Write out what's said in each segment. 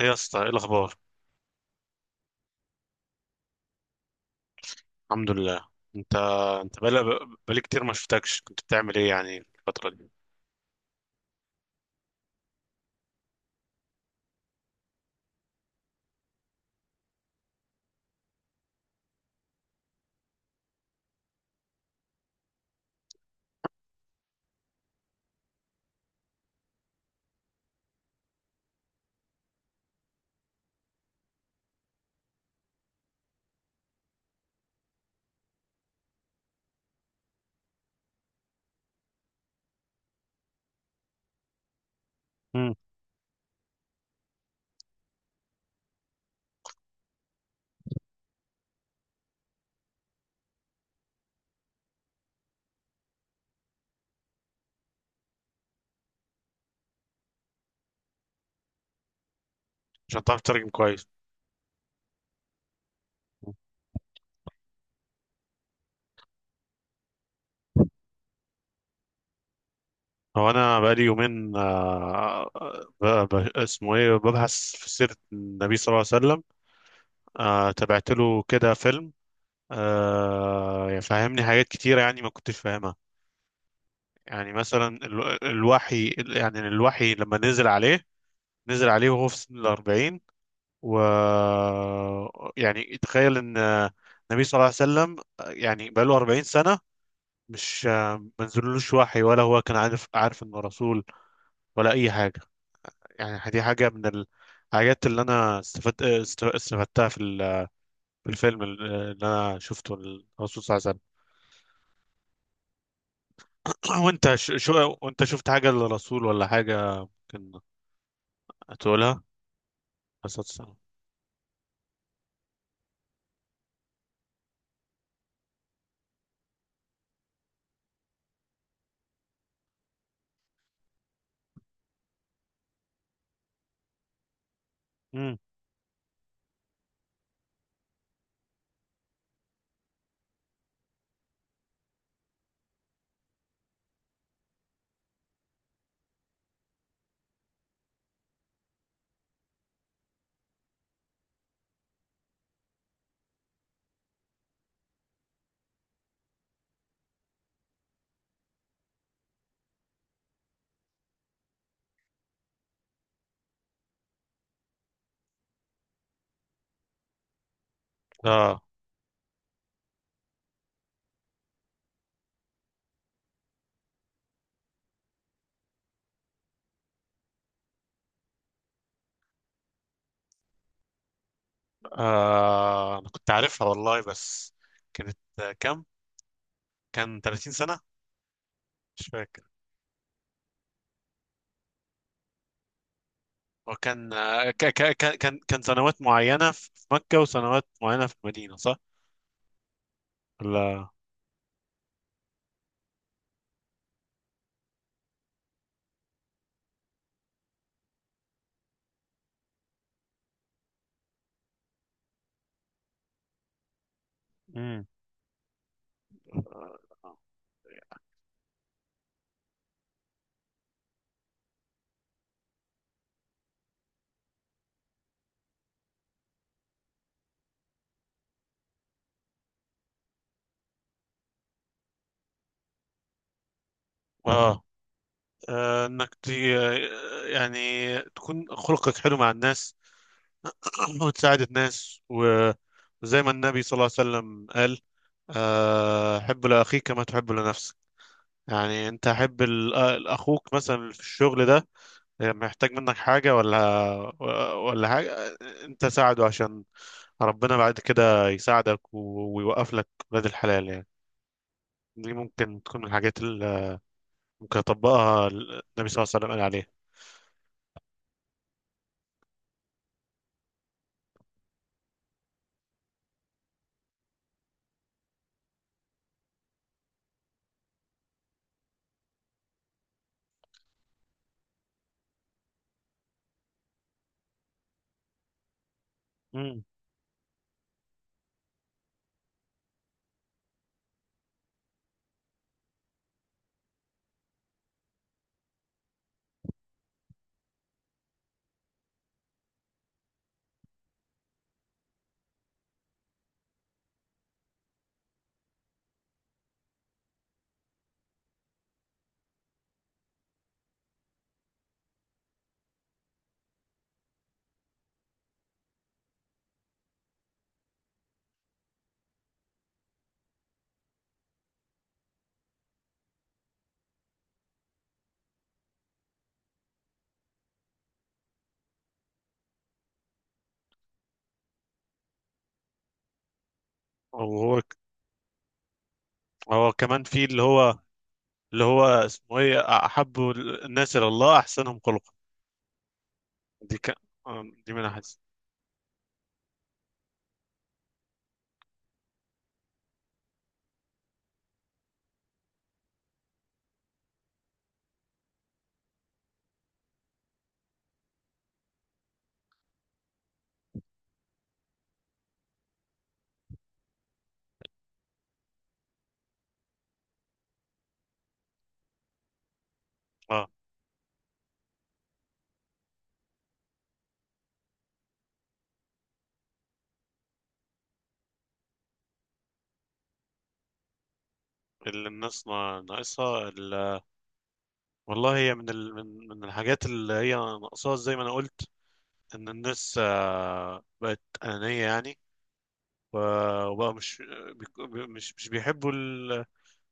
ايه يا اسطى، ايه الاخبار؟ الحمد لله. انت انت بقالي كتير ما شفتكش، كنت بتعمل ايه يعني الفتره دي؟ مم. عشان تعرف تترجم كويس. هو انا بقالي يومين، اسمه ايه، ببحث في سيره النبي صلى الله عليه وسلم. تابعت له كده فيلم. يعني فهمني حاجات كتيره، يعني ما كنتش فاهمها. يعني مثلا الوحي، يعني الوحي لما نزل عليه، نزل عليه وهو في سن الأربعين، و، يعني تخيل ان النبي صلى الله عليه وسلم يعني بقى له 40 سنة، مش ما نزلوش وحي، ولا هو كان عارف انه رسول، ولا اي حاجة. يعني دي حاجة من الحاجات اللي انا استفدتها في الفيلم اللي انا شفته، الرسول صلى الله عليه وسلم. وانت، ش- شو وانت شفت حاجة للرسول ولا حاجة؟ كان هتقولها عليه الصلاة والسلام. امم. اه. انا كنت عارفها والله، بس كانت، كام؟ كان 30 سنة، مش فاكر. هو كان، سنوات معينة في مكة، وسنوات معينة في المدينة، صح؟ ولا. امم. اه. انك تي، يعني تكون خلقك حلو مع الناس. وتساعد الناس، وزي ما النبي صلى الله عليه وسلم قال: حب لأخيك كما تحب لنفسك. يعني انت حب، اخوك مثلا في الشغل ده، محتاج منك حاجة، ولا حاجة، انت ساعده، عشان ربنا بعد كده يساعدك، ويوقف لك ولاد الحلال، يعني. دي ممكن تكون من الحاجات اللي ممكن يطبقها النبي صلى الله عليه وسلم، قال عليها. امم. وهو، هو كمان في اللي هو، اللي هو اسمه ايه احب الناس الى الله احسنهم خلقا. دي ك... دي من احس. اه. اللي الناس ناقصها، والله، هي من، من الحاجات اللي هي ناقصاها زي ما انا قلت، ان الناس بقت انانيه، يعني، و- وبقى مش، بيك- مش بيحبوا،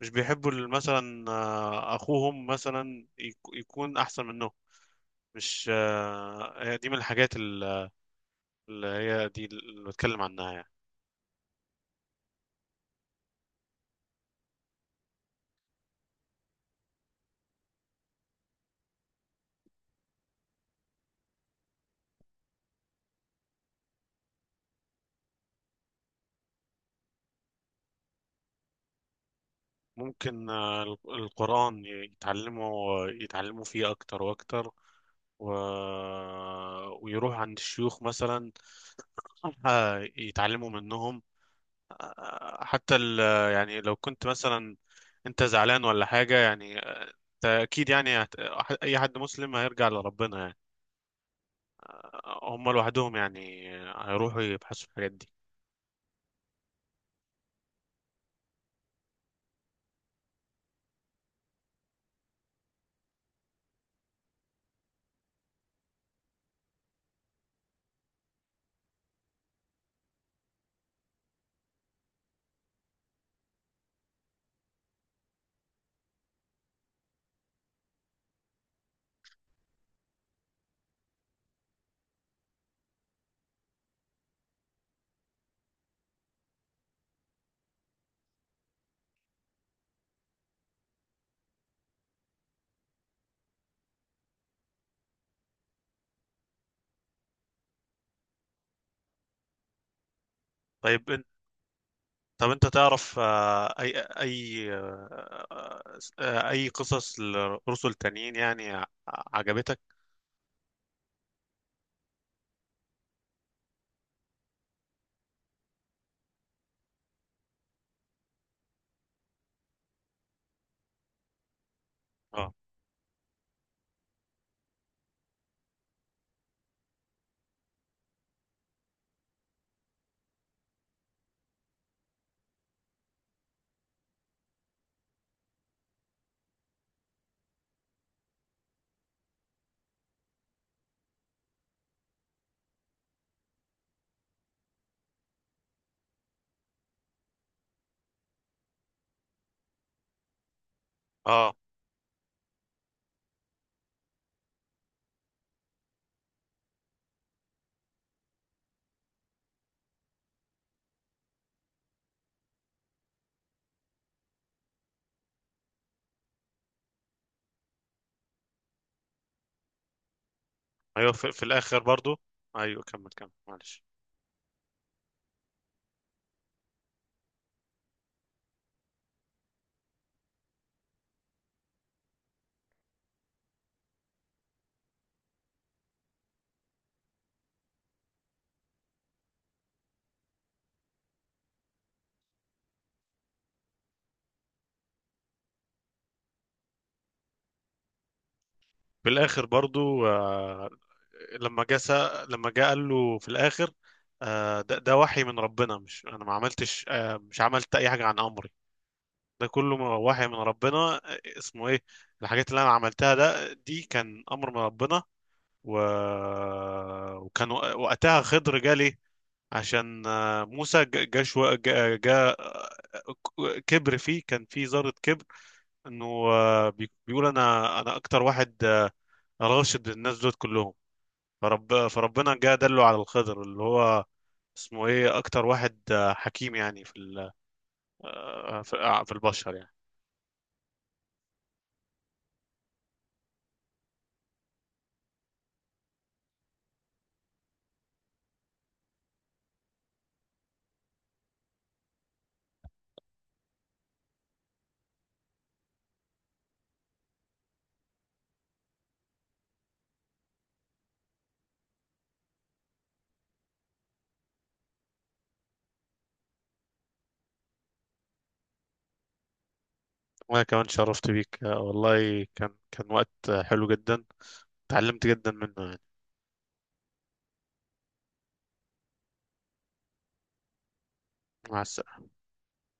مش بيحبوا مثلا، اخوهم مثلا يكون احسن منهم. مش هي دي من الحاجات، اللي هي دي اللي بتكلم عنها، يعني. ممكن القرآن يتعلموا فيه اكتر واكتر، و... ويروح عند الشيوخ مثلا، يتعلموا منهم، آه، حتى ال... يعني لو كنت مثلا انت زعلان ولا حاجة، يعني انت اكيد، يعني اي حد مسلم هيرجع لربنا، يعني. هم لوحدهم، يعني هيروحوا يبحثوا في الحاجات دي. طيب انت، طب انت تعرف، آه، اي اي آه، آه، اي قصص لرسل تانيين، يعني عجبتك؟ اه. اه، ايوه، في الاخر برضو. ايوه، كمل كمل، معلش. في الاخر برضو، لما جه قال له في الاخر، ده وحي من ربنا، مش انا ما عملتش، مش عملت اي حاجه عن امر، ده كله وحي من ربنا. اسمه ايه، الحاجات اللي انا عملتها دي كان امر من ربنا، و... وكان، وقتها خضر جالي، عشان موسى، جا. كبر فيه، كان فيه ذرة كبر، انه بيقول انا اكتر واحد، راشد الناس دول كلهم. فربنا جا دله على الخضر، اللي هو اسمه ايه، اكتر واحد حكيم، يعني في، ال... آه، في آه، في البشر، يعني. وانا كمان شرفت بيك، والله كان وقت حلو جدا، اتعلمت جدا منه يعني. مع السلامة.